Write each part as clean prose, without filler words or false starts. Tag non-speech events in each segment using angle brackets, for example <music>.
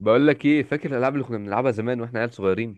بقول لك ايه، فاكر الالعاب اللي كنا بنلعبها زمان واحنا عيال صغيرين؟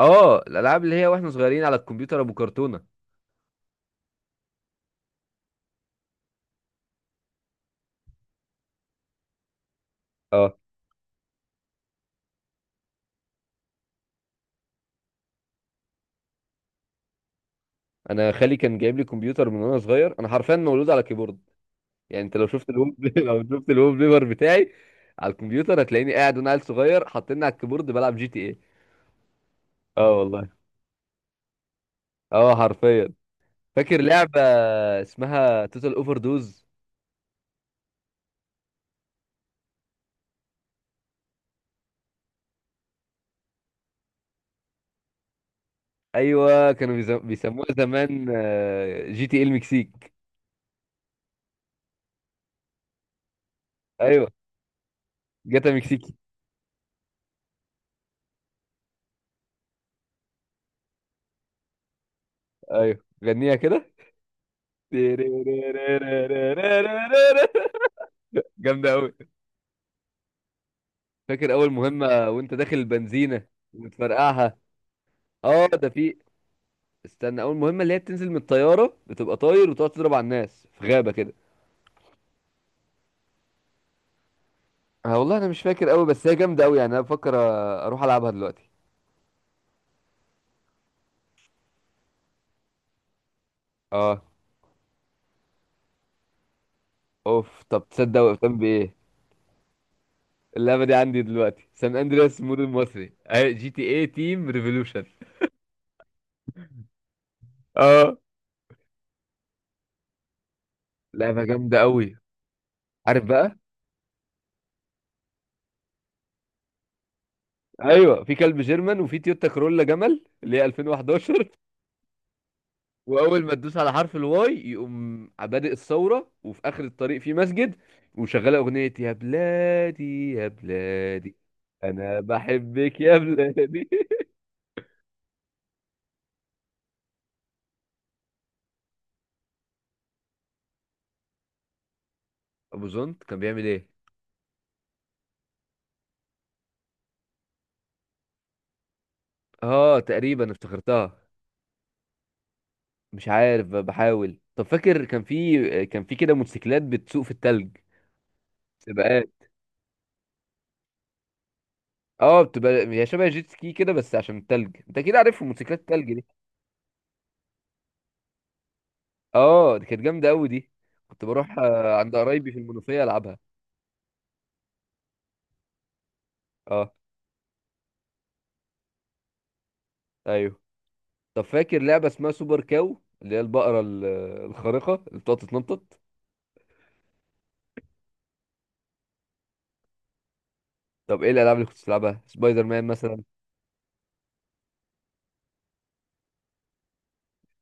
اه، الالعاب اللي هي واحنا صغيرين على الكمبيوتر ابو كرتونه. اه، انا خالي كان جايب لي كمبيوتر من وانا صغير. انا حرفيا مولود على كيبورد. يعني انت لو شفت الويب <laughs> لو شفت الويب بيبر بتاعي على الكمبيوتر، هتلاقيني قاعد وانا عيل صغير حاطيني على الكيبورد بلعب جي تي ايه. اه والله. اه حرفيا. فاكر لعبه اسمها توتال اوفر دوز. ايوه، كانوا بيسموها زمان جي تي ايه المكسيك. ايوه، جاتا مكسيكي. ايوه، غنيها كده. جامدة أوي. فاكر أول مهمة وأنت داخل البنزينة وبتفرقعها. أه، ده في. استنى، أول مهمة اللي هي بتنزل من الطيارة بتبقى طاير وتقعد تضرب على الناس في غابة كده. أه والله، أنا مش فاكر أوي بس هي جامدة أوي، يعني أنا بفكر أروح ألعبها دلوقتي. أه. أوف، طب تصدق وقفتان بإيه؟ اللعبة دي عندي دلوقتي، سان أندرياس مود المصري أهي جي تي إيه تيم ريفولوشن. أه، لعبة جامدة أوي. عارف بقى. ايوه في كلب جيرمان وفي تويوتا كرولا جمل اللي هي 2011. واول ما تدوس على حرف الواي يقوم بادئ الثوره، وفي اخر الطريق في مسجد وشغاله اغنيه يا بلادي يا بلادي. انا بحبك يا بلادي <laughs> ابو زنت كان بيعمل ايه؟ اه تقريبا افتكرتها. مش عارف، بحاول. طب فاكر كان في كده موتوسيكلات بتسوق في التلج؟ سباقات. اه، بتبقى هي شبه جيت سكي كده بس عشان التلج. انت كده عارف موتوسيكلات التلج. اه دي كانت جامده قوي دي. كنت بروح عند قرايبي في المنوفيه العبها. اه. ايوه. طب فاكر لعبه اسمها سوبر كاو، اللي هي البقره الخارقه اللي بتقعد تتنطط؟ طب ايه الالعاب اللي كنت بتلعبها؟ سبايدر مان مثلا؟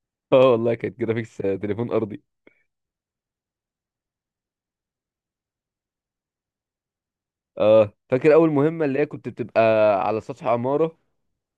<laughs> اه والله، كانت جرافيكس تليفون ارضي. اه، فاكر اول مهمه اللي هي كنت بتبقى على سطح عماره؟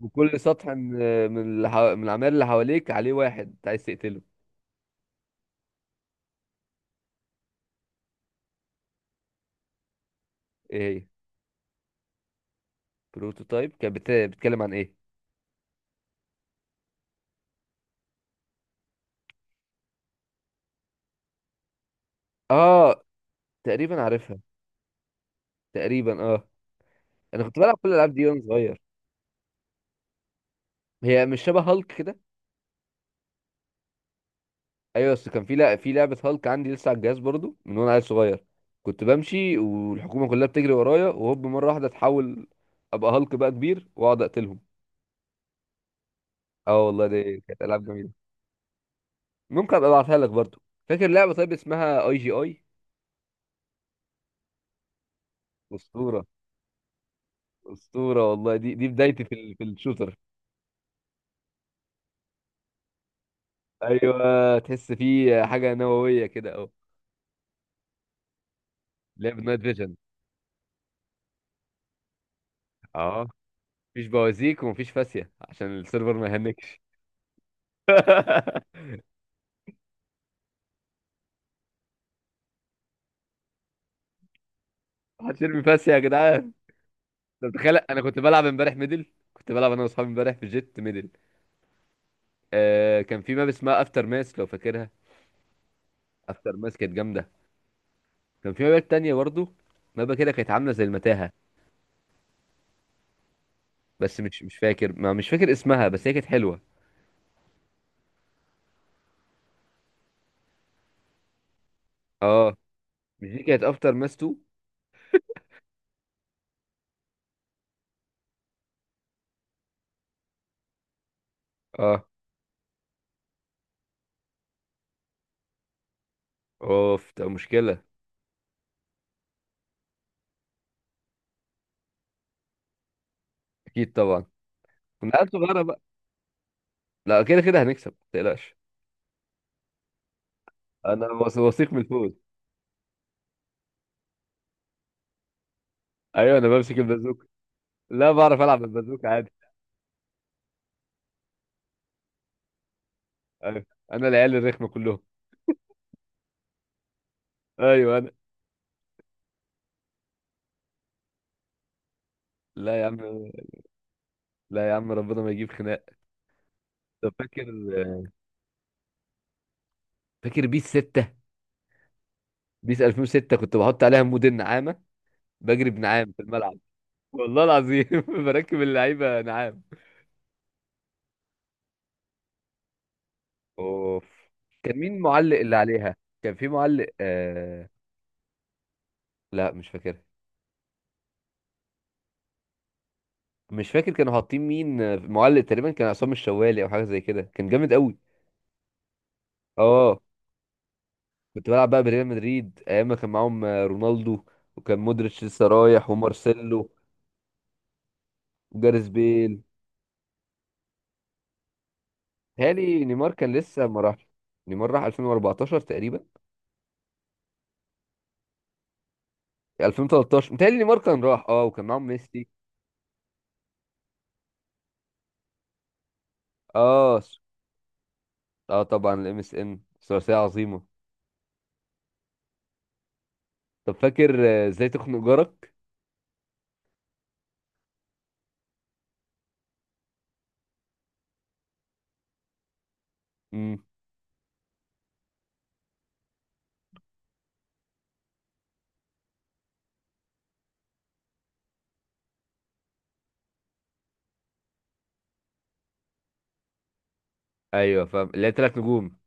وكل سطح من من من العمال اللي حواليك عليه واحد أنت عايز تقتله. ايه هي بروتوتايب؟ كانت بتتكلم عن ايه؟ اه تقريبا عارفها. تقريبا اه. انا كنت بلعب كل الالعاب دي وانا صغير. هي مش شبه هالك كده؟ ايوه بس كان في، لا في لعبه هالك عندي لسه على الجهاز برضو من وانا عيل صغير. كنت بمشي والحكومه كلها بتجري ورايا، وهوب مره واحده اتحول ابقى هالك بقى كبير واقعد اقتلهم. اه والله، دي كانت العاب جميله. ممكن ابقى ابعتها لك برضو. فاكر لعبه طيب اسمها اي جي اي؟ اسطوره. اسطوره والله. دي بدايتي في الشوتر. ايوه، تحس فيه حاجه نوويه كده اه. لعبه نايت فيجن. اه، مفيش بوازيك ومفيش فاسيه عشان السيرفر ما يهنكش. <laughs> هترمي بس يا جدعان. انت متخيل انا كنت بلعب امبارح ميدل؟ كنت بلعب انا واصحابي امبارح في جيت ميدل. آه، كان في ماب اسمها افتر ماس لو فاكرها. افتر ماس كانت جامده. كان في مابات تانية برضه. مابة كده كانت عامله زي المتاهه. بس مش فاكر اسمها بس هي كانت حلوه. اه. مش دي كانت افتر ماس 2؟ اه. اوف ده مشكله. اكيد طبعا. كنا عيال صغيره بقى. لا كده كده هنكسب، ما تقلقش. انا وثيق من الفوز. ايوه انا بمسك البازوكه. لا، بعرف العب البازوكه عادي. ايوه، انا العيال الرخمه كلهم. ايوه، انا. لا يا عم. لا يا عم، ربنا ما يجيب خناق. طب فاكر. فاكر بيس 6؟ بيس 2006 كنت بحط عليها مود النعامه، بجري بنعام في الملعب. والله العظيم <laughs> بركب اللعيبه نعام. اوف. كان مين معلق اللي عليها؟ كان في معلق لا مش فاكر. مش فاكر كانوا حاطين مين. معلق تقريبا كان عصام الشوالي او حاجه زي كده، كان جامد قوي. اه. كنت بلعب بقى بريال مدريد ايام ما كان معاهم رونالدو. وكان مودريتش لسه رايح ومارسيلو. وجاريث بيل. متهيألي نيمار كان لسه ما راحش. نيمار راح 2014 تقريبا. 2013 متهيألي نيمار كان راح، اه وكان معاهم ميسي. اه اه طبعا الام اس ان ثلاثية عظيمة. طب فاكر ازاي تخنق جارك؟ امم. ايوه فاهم، اللي هي تلات نجوم.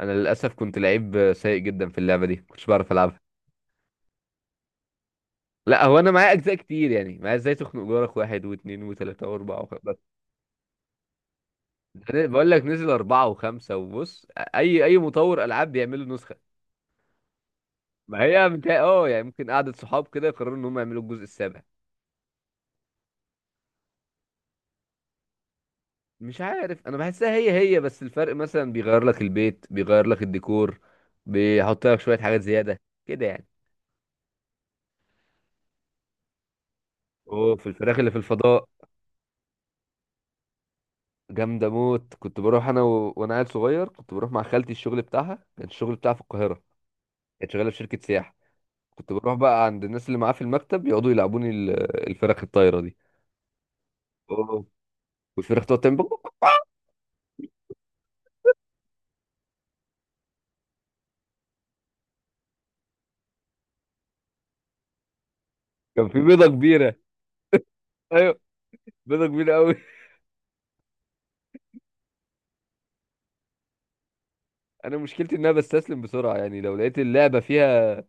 انا للاسف كنت لعيب سيء جدا في اللعبة دي، كنتش بعرف العبها. لا، هو انا معايا اجزاء كتير يعني، معايا ازاي تخنق جارك واحد واثنين وثلاثة واربعة وخمسة بس. أنا بقول لك، نزل اربعة وخمسة وبص. اي اي مطور العاب بيعملوا نسخة. ما هي متهيأ اه يعني، ممكن قعدة صحاب كده يقرروا ان هم يعملوا الجزء السابع. مش عارف، انا بحسها هي هي، بس الفرق مثلا بيغير لك البيت، بيغير لك الديكور، بيحط لك شوية حاجات زيادة كده يعني. اوف، الفراخ اللي في الفضاء. جامدة موت. كنت بروح انا وانا عيل صغير، كنت بروح مع خالتي. الشغل بتاعها كان، الشغل بتاعها في القاهرة. كانت شغالة في شركة سياحة. كنت بروح بقى عند الناس اللي معاه في المكتب يقعدوا يلعبوني الفراخ الطايرة دي. اوه. والفراخ تقعد تعمل بق- بق- بق. كان في بيضة كبيرة. ايوه، بيضة كبيرة قوي. انا مشكلتي ان انا بستسلم بسرعه، يعني لو لقيت اللعبه فيها،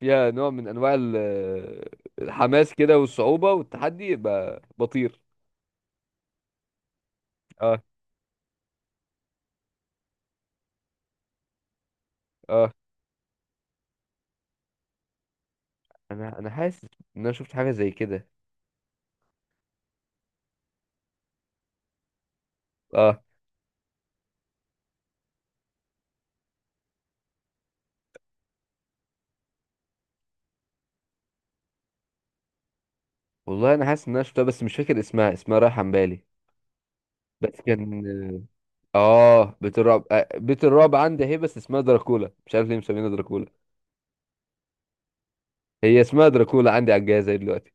فيها نوع من انواع الحماس كده والصعوبه والتحدي، يبقى بطير. اه. اه انا حاسس ان انا شفت حاجه زي كده. اه والله، انا حاسس ان انا شفتها بس مش فاكر اسمها رايحه عن بالي. بس كان. اه، بيت الرعب. بيت الرعب عندي اهي بس اسمها دراكولا، مش عارف ليه مسمينها دراكولا. هي اسمها دراكولا عندي على الجهاز أهي دلوقتي.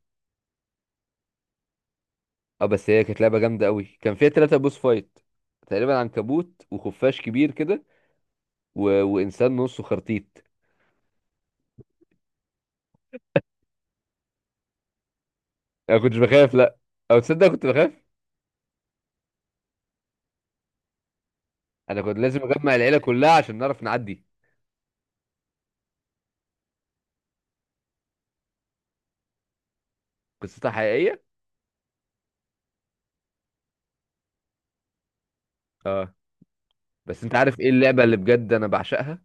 اه، بس هي كانت لعبه جامده قوي، كان فيها ثلاثة بوس فايت تقريبا. عنكبوت وخفاش كبير كده، وانسان نصه خرتيت. انا كنتش بخاف، لا. او تصدق كنت بخاف. انا كنت لازم اجمع العيله كلها عشان نعرف نعدي. قصتها حقيقيه. اه، بس انت عارف ايه اللعبه اللي بجد انا بعشقها؟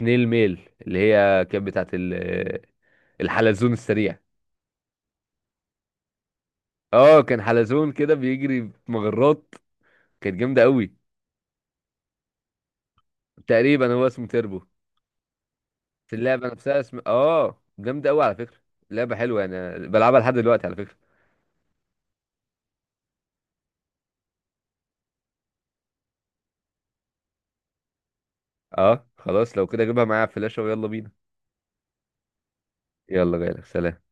سنيل ميل، اللي هي كانت بتاعت الحلزون السريع. اه، كان حلزون كده بيجري في مجرات، كانت جامده قوي. تقريبا هو اسمه تيربو. بس اللعبه نفسها اسم اه، جامده قوي على فكره. لعبه حلوه انا بلعبها لحد دلوقتي على فكره. اه خلاص، لو كده اجيبها معايا على الفلاشه ويلا بينا. يلا، جايلك سلام.